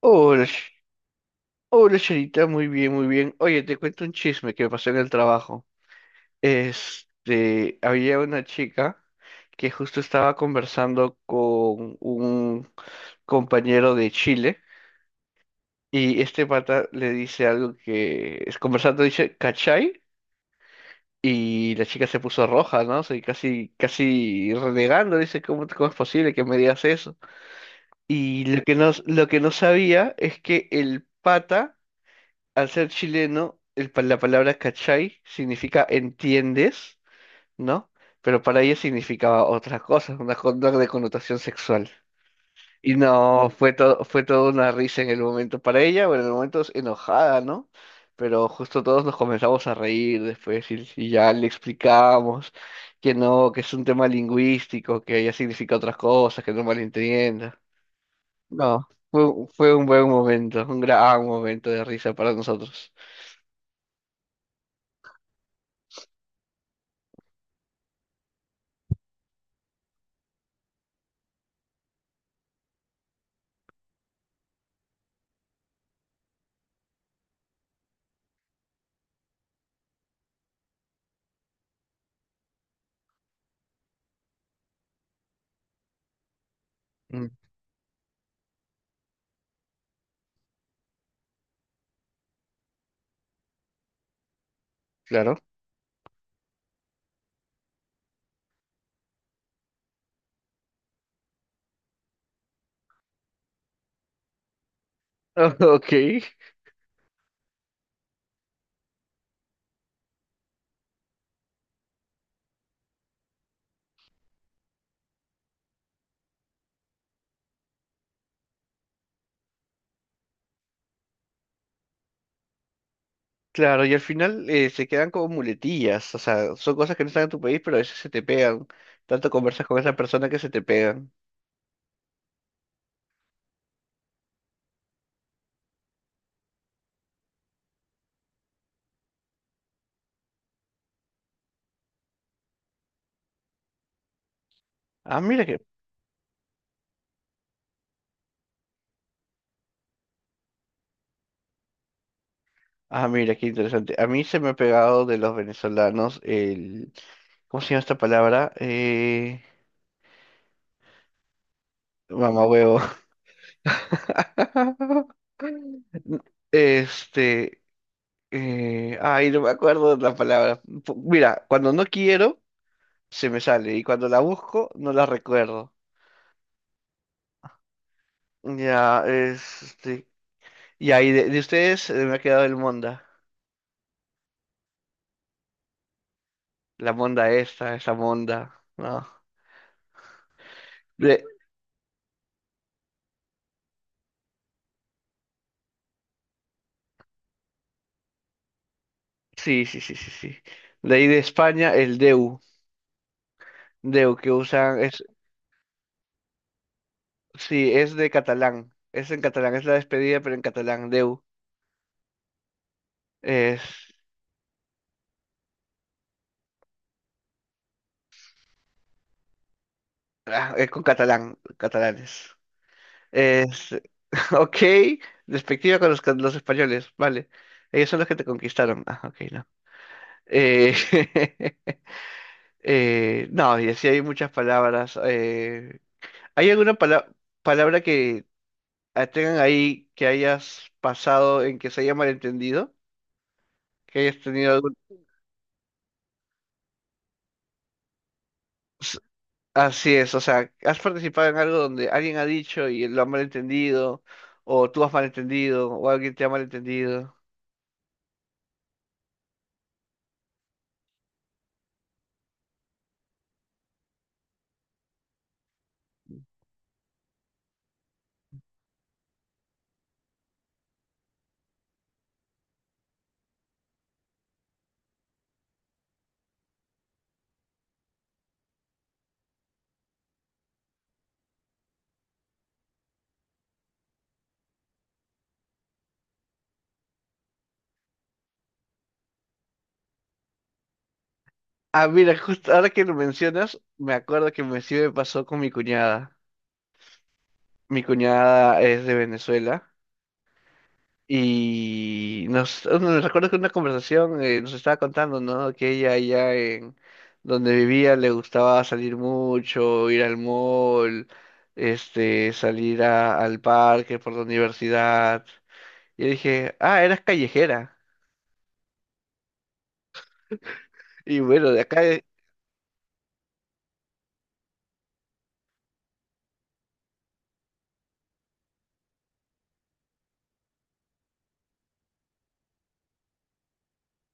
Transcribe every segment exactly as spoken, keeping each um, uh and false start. Hola, Sh- hola, Charita, muy bien, muy bien. Oye, te cuento un chisme que me pasó en el trabajo. Este, había una chica que justo estaba conversando con un compañero de Chile, y este pata le dice algo que es conversando, dice, ¿cachai? Y la chica se puso roja, ¿no? O sea, y casi, casi renegando, dice, ¿cómo, cómo es posible que me digas eso? Y lo que no, lo que no sabía es que el pata, al ser chileno, el pa- la palabra cachai significa entiendes, ¿no? Pero para ella significaba otra cosa, una conducta de connotación sexual. Y no, fue todo, fue toda una risa en el momento para ella, bueno, en el momento es enojada, ¿no? Pero justo todos nos comenzamos a reír después y, y ya le explicamos que no, que es un tema lingüístico, que ella significa otras cosas, que no malentienda. No, fue, fue un buen momento, un gran momento de risa para nosotros. Mm. Claro. Ok, claro, y al final eh, se quedan como muletillas, o sea, son cosas que no están en tu país, pero a veces se te pegan. Tanto conversas con esa persona que se te pegan. Ah, mira que, ah, mira qué interesante. A mí se me ha pegado de los venezolanos el, ¿cómo se llama esta palabra? Eh, mamahuevo. Este, eh, Ay, no me acuerdo de la palabra. Pu- Mira, cuando no quiero, se me sale, y cuando la busco, no la recuerdo. Ya, este. Y ahí de, de ustedes eh, me ha quedado el Monda. La Monda esta, esa Monda. No. De, sí, sí, sí, sí, sí. De ahí de España, el Deu. Deu que usan, es, sí, es de catalán. Es en catalán, es la despedida, pero en catalán, Deu. Es, ah, es con catalán, catalanes. Es, ok, despectiva con los, ca- los españoles, vale. Ellos son los que te conquistaron. Ah, ok, no. Eh, Eh, no, y así hay muchas palabras. eh, ¿Hay alguna pala- palabra que ah, tengan ahí que hayas pasado en que se haya malentendido? Que hayas tenido algún... S- Así es, o sea, ¿has participado en algo donde alguien ha dicho y lo ha malentendido? ¿O tú has malentendido? ¿O alguien te ha malentendido? Ah, mira, justo ahora que lo mencionas, me acuerdo que me sí me pasó con mi cuñada. Mi cuñada es de Venezuela. Y nos, me recuerdo que una conversación eh, nos estaba contando, ¿no? Que ella allá en donde vivía le gustaba salir mucho, ir al mall, este, salir a- al parque por la universidad. Y dije, ah, eras callejera. Y bueno, de acá, eh,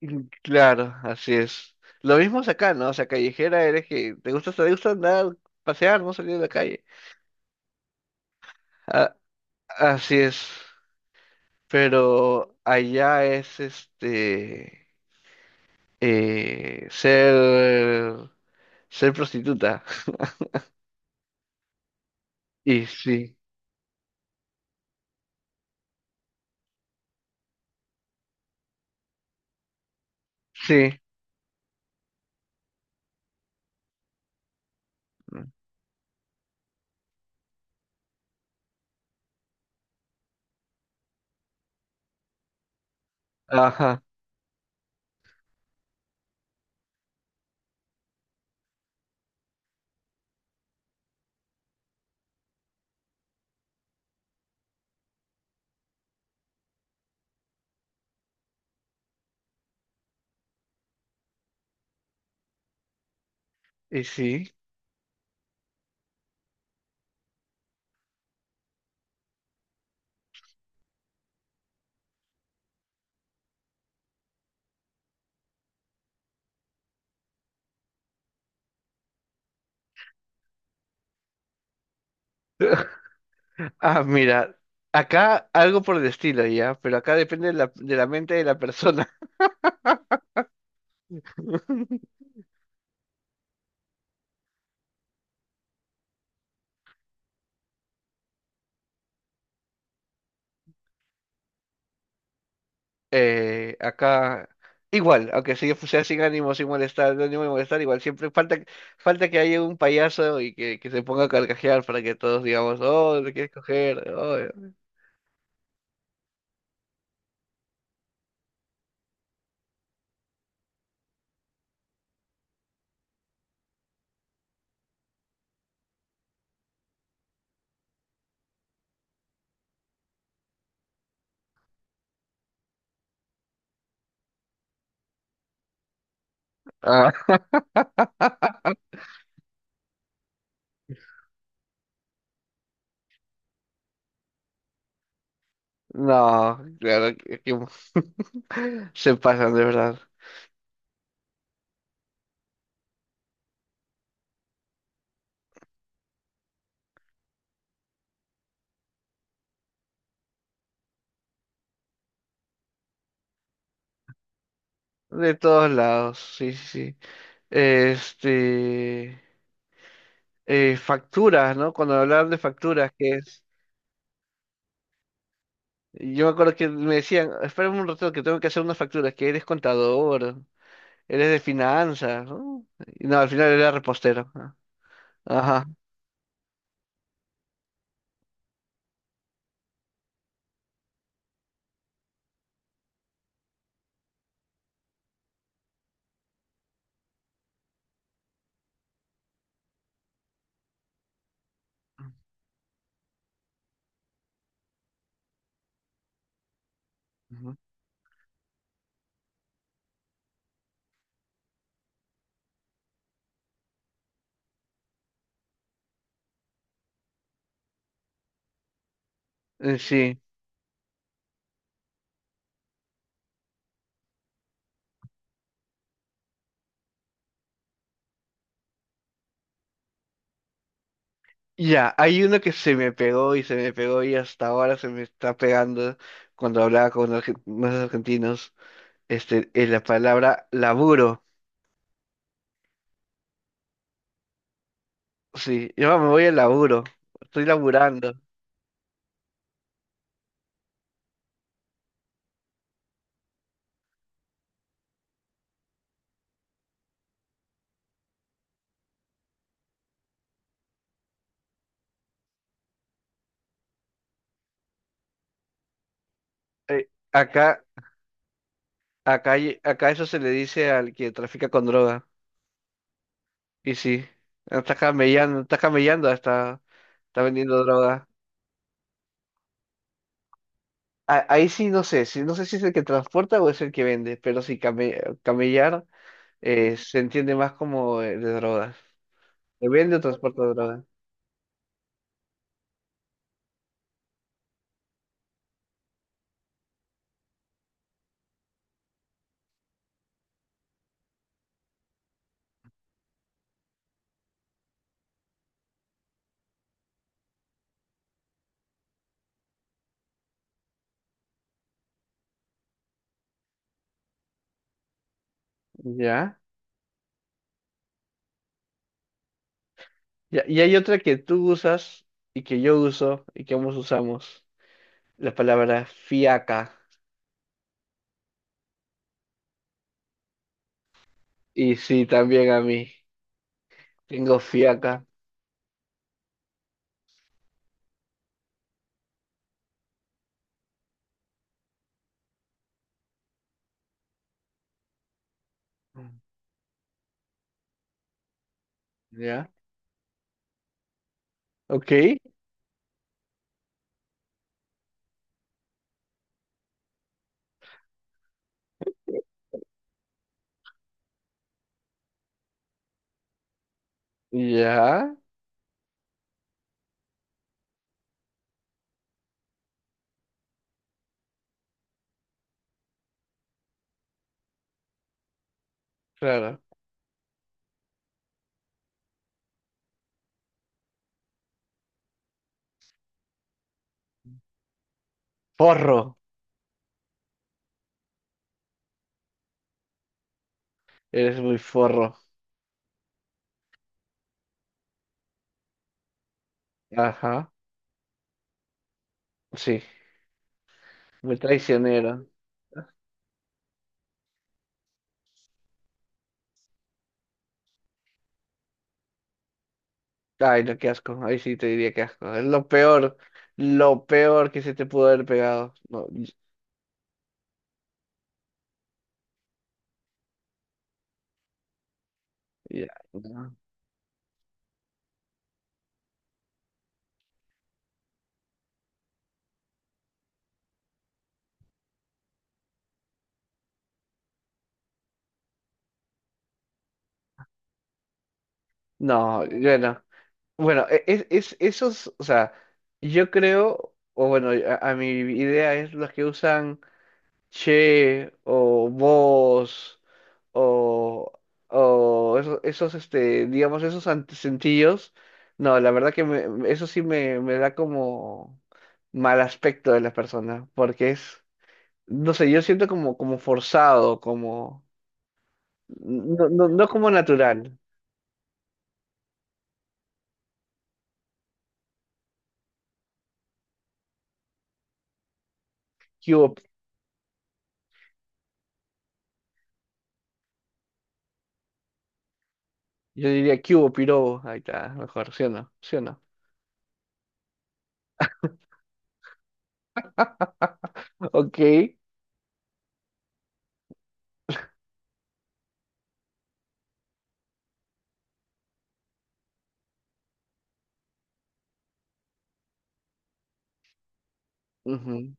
mm, claro, así es. Lo mismo es acá, ¿no? O sea, callejera eres que te gusta, te gusta andar, pasear, no salir de la calle. A- así es. Pero allá es este. eh, ser, ser prostituta. Y sí, sí, ajá, y sí. Ah, mira, acá algo por el estilo ya, pero acá depende de la, de la mente de la persona. Eh, acá, igual, aunque si yo sea sin ánimo, sin molestar, no ánimo de molestar, igual siempre falta, falta que haya un payaso y que, que se ponga a carcajear para que todos digamos, oh, te quieres coger, oh. Ah. No, claro que, que se pasan de verdad. De todos lados, sí, sí. Sí. Este, eh, facturas, ¿no? Cuando hablaban de facturas, que es, yo me acuerdo que me decían, espérame un rato que tengo que hacer unas facturas, que eres contador, eres de finanzas, ¿no? Y no, al final era repostero. ¿No? Ajá. Ujú. Eh, Sí. Ya, hay uno que se me pegó y se me pegó y hasta ahora se me está pegando cuando hablaba con argen- unos argentinos. Este, es la palabra laburo. Sí, yo me voy al laburo. Estoy laburando. Eh, acá, acá, hay- acá eso se le dice al que trafica con droga. Y sí, está camellando, está camellando, está, está vendiendo droga. A- Ahí sí no sé, sí, no sé si es el que transporta o es el que vende, pero sí, came- camellar eh, se entiende más como eh, de drogas. ¿Que vende o transporta droga? ¿Ya? Ya, y hay otra que tú usas y que yo uso y que ambos usamos. La palabra fiaca. Y sí, también a mí. Tengo fiaca. ¿Ya? Ok. Ya. Claro. Forro. Eres muy forro. Ajá. Sí. Me traicionaron. Ay, no, qué asco. Ahí sí te diría que asco. Es lo peor. Lo peor que se te pudo haber pegado. No, y- ya. No, no, bueno. Bueno, e- es, es, esos, o sea, yo creo, o bueno, a, a mi idea es los que usan. Che o vos o, o eso- esos, este, digamos, esos antecentillos, no, la verdad que me- eso sí me, me da como mal aspecto de la persona, porque es, no sé, yo siento como, como forzado, como, no, no, no como natural. ¿Qué hubo? Yo diría, ¿qué hubo, pirobo? Ahí está, mejor, ¿sí o no? ¿Sí o no? Ok. Ujú.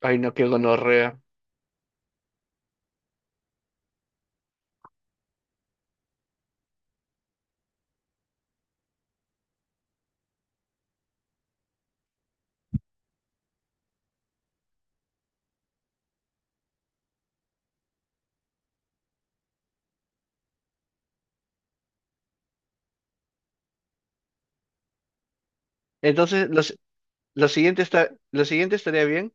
Ay, no, qué gonorrea. Entonces, los, lo siguiente está, lo siguiente estaría bien.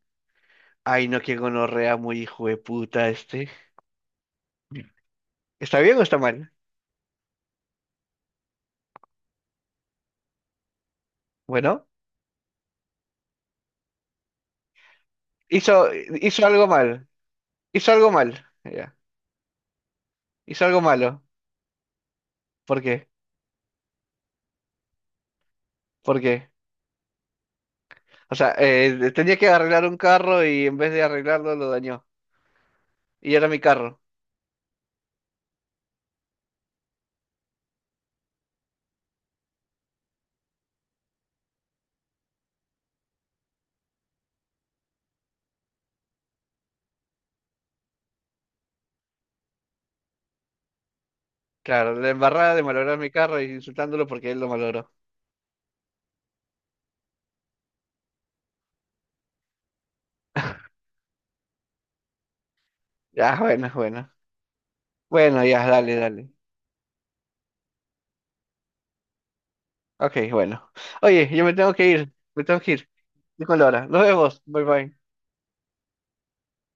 Ay, no, qué gonorrea muy hijo de puta este. ¿Está bien o está mal? Bueno, hizo, hizo algo mal. Hizo algo mal. Ya. Hizo algo malo. ¿Por qué? ¿Por qué? O sea, eh, tenía que arreglar un carro y en vez de arreglarlo lo dañó. Y era mi carro. Claro, la embarrada de malograr mi carro y insultándolo porque él lo malogró. Ya, bueno, bueno. Bueno, ya, dale, dale. Ok, bueno. Oye, yo me tengo que ir. Me tengo que ir. Estoy con Laura. Nos vemos. Bye bye.